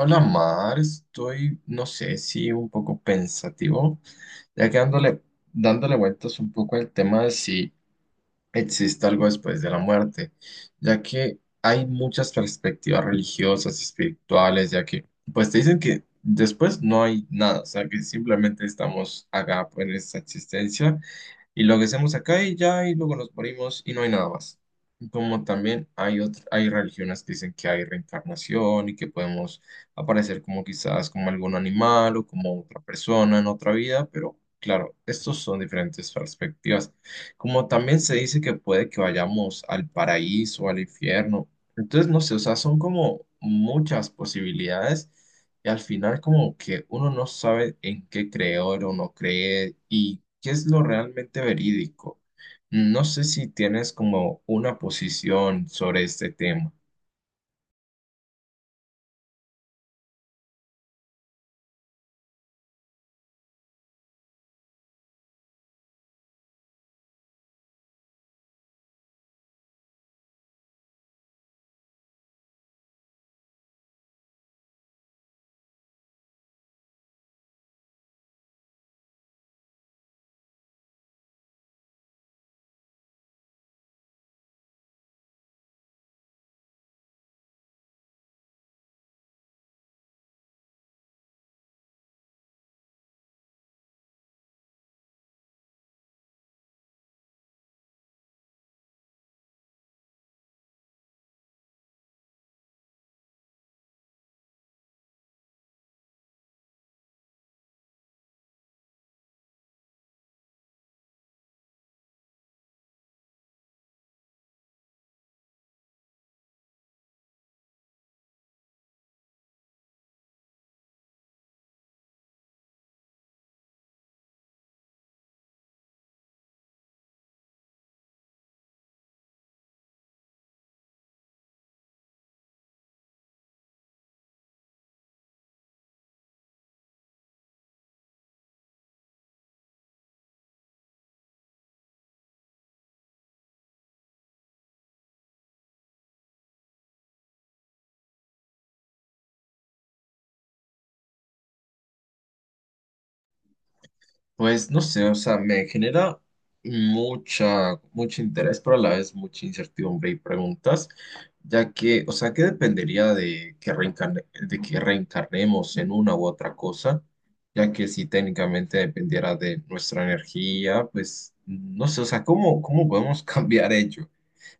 Hola Mar, estoy, no sé si un poco pensativo, ya que dándole vueltas un poco al tema de si existe algo después de la muerte, ya que hay muchas perspectivas religiosas y espirituales, ya que pues te dicen que después no hay nada, o sea que simplemente estamos acá en esta existencia y lo que hacemos acá y ya y luego nos morimos y no hay nada más. Como también hay religiones que dicen que hay reencarnación y que podemos aparecer como quizás como algún animal o como otra persona en otra vida, pero claro, estos son diferentes perspectivas. Como también se dice que puede que vayamos al paraíso o al infierno. Entonces, no sé, o sea, son como muchas posibilidades y al final como que uno no sabe en qué creer o no creer y qué es lo realmente verídico. No sé si tienes como una posición sobre este tema. Pues no sé, o sea, me genera mucho interés, pero a la vez mucha incertidumbre y preguntas, ya que, o sea, ¿qué dependería de de que reencarnemos en una u otra cosa? Ya que si técnicamente dependiera de nuestra energía, pues no sé, o sea, cómo podemos cambiar ello?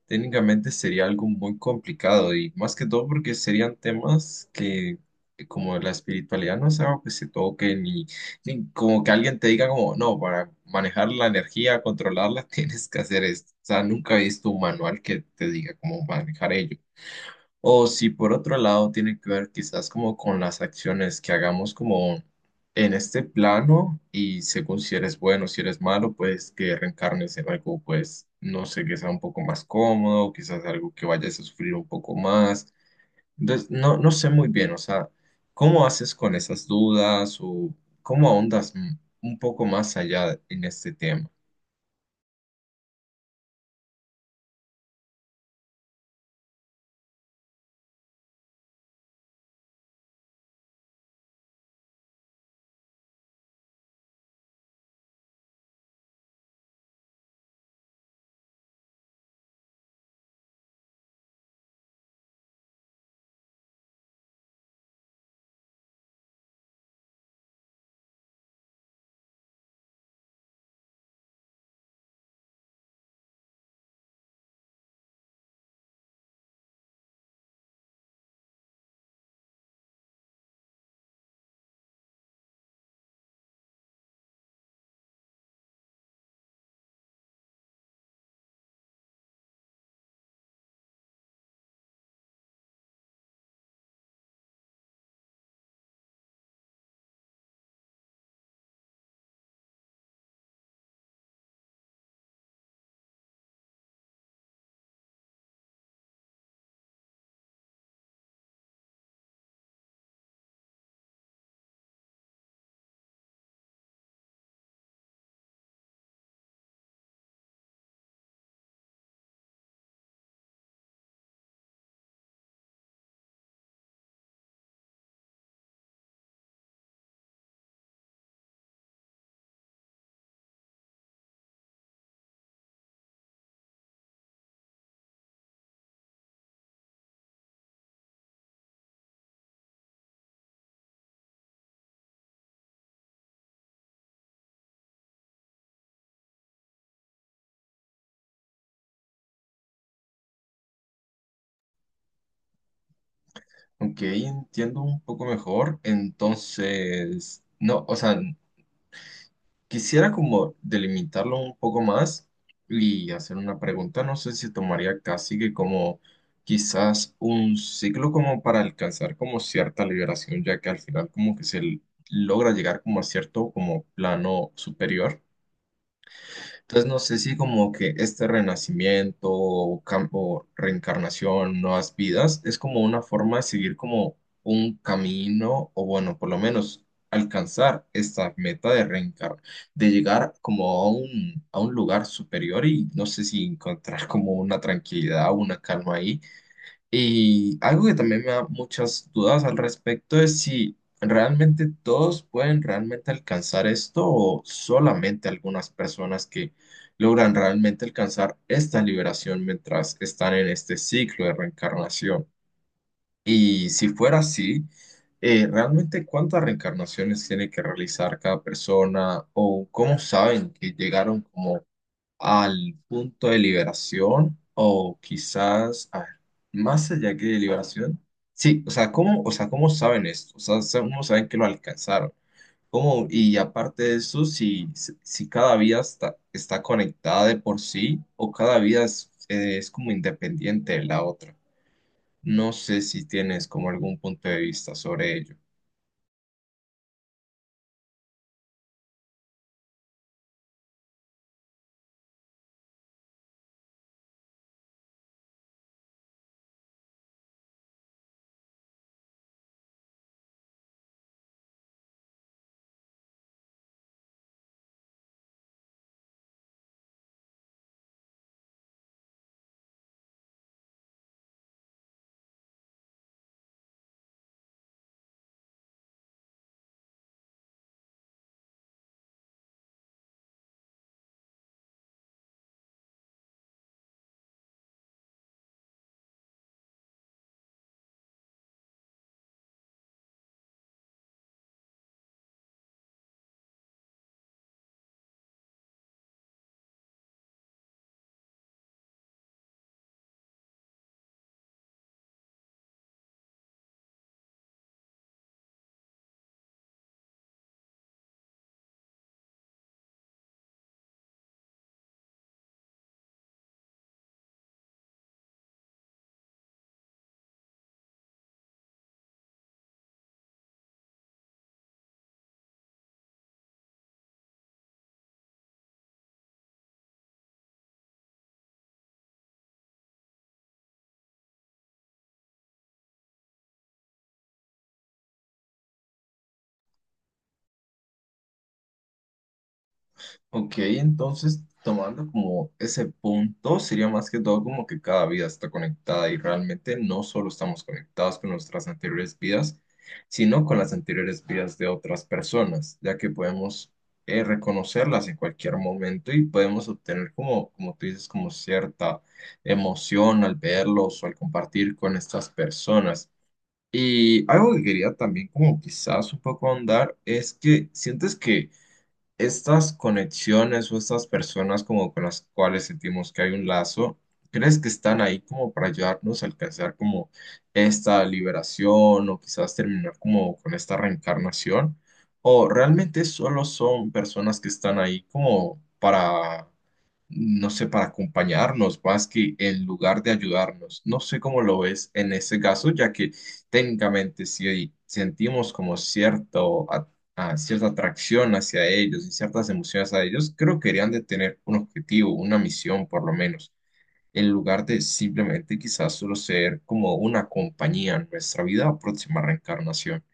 Técnicamente sería algo muy complicado y más que todo porque serían temas que como la espiritualidad no es algo que se toque ni, ni como que alguien te diga como no, para manejar la energía, controlarla, tienes que hacer esto. O sea, nunca he visto un manual que te diga cómo manejar ello. O si por otro lado tiene que ver quizás como con las acciones que hagamos como en este plano y según si eres bueno, si eres malo, pues que reencarnes en algo, pues no sé, que sea un poco más cómodo, quizás algo que vayas a sufrir un poco más. Entonces, no sé muy bien, o sea, ¿cómo haces con esas dudas o cómo un poco más allá en este tema? Ok, entiendo un poco mejor. Entonces, no, o sea, quisiera como delimitarlo un poco más y hacer una pregunta. No sé si tomaría casi que como quizás un ciclo como para alcanzar como cierta liberación, ya que al final como que logra llegar como a cierto como plano superior. Entonces no sé si como que este renacimiento o reencarnación, nuevas vidas, es como una forma de seguir como un camino o bueno, por lo menos alcanzar esta meta de reencarnar, de llegar como a a un lugar superior y no sé si encontrar como una tranquilidad o una calma ahí. Y algo que también me da muchas dudas al respecto es si realmente todos pueden realmente alcanzar esto o solamente algunas personas que logran realmente alcanzar esta liberación mientras están en este ciclo de reencarnación. Y si fuera así, ¿realmente cuántas reencarnaciones tiene que realizar cada persona o cómo saben que llegaron como al punto de liberación o quizás, a ver, más allá que de liberación? Sí, o sea, ¿cómo saben esto? O sea, cómo saben que lo alcanzaron? ¿Cómo? Y aparte de eso, si cada vida está conectada de por sí o cada vida es como independiente de la otra. No sé si tienes como algún punto de vista sobre ello. Ok, entonces tomando como ese punto, sería más que todo como que cada vida está conectada y realmente no solo estamos conectados con nuestras anteriores vidas, sino con las anteriores vidas de otras personas, ya que podemos reconocerlas en cualquier momento y podemos obtener como, como tú dices, como cierta emoción al verlos o al compartir con estas personas. Y algo que quería también como quizás un poco ahondar es que sientes que estas conexiones o estas personas como con las cuales sentimos que hay un lazo, ¿crees que están ahí como para ayudarnos a alcanzar como esta liberación o quizás terminar como con esta reencarnación? ¿O realmente solo son personas que están ahí como para, no sé, para acompañarnos más que en lugar de ayudarnos? No sé cómo lo ves en ese caso, ya que técnicamente si sentimos como cierto a cierta atracción hacia ellos y ciertas emociones a ellos, creo que deberían de tener un objetivo, una misión por lo menos, en lugar de simplemente quizás solo ser como una compañía en nuestra vida o próxima reencarnación.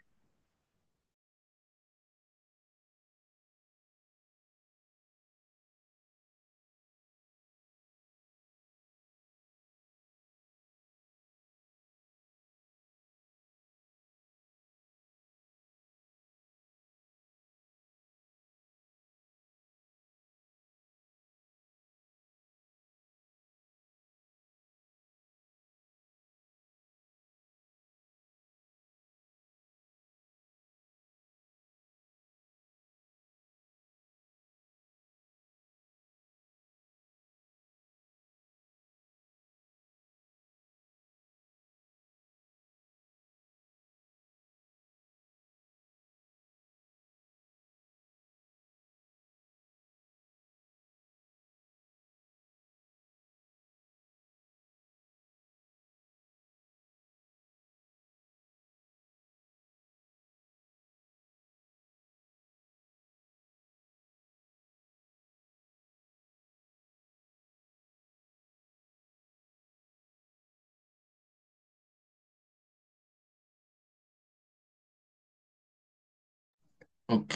Ok,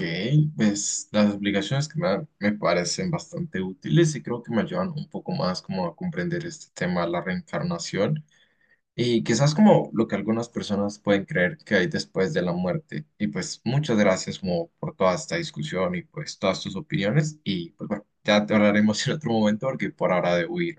pues las explicaciones que me dan me parecen bastante útiles y creo que me ayudan un poco más como a comprender este tema de la reencarnación. Y quizás como lo que algunas personas pueden creer que hay después de la muerte. Y pues muchas gracias como por toda esta discusión y pues todas tus opiniones. Y pues bueno, ya te hablaremos en otro momento porque por ahora debo ir.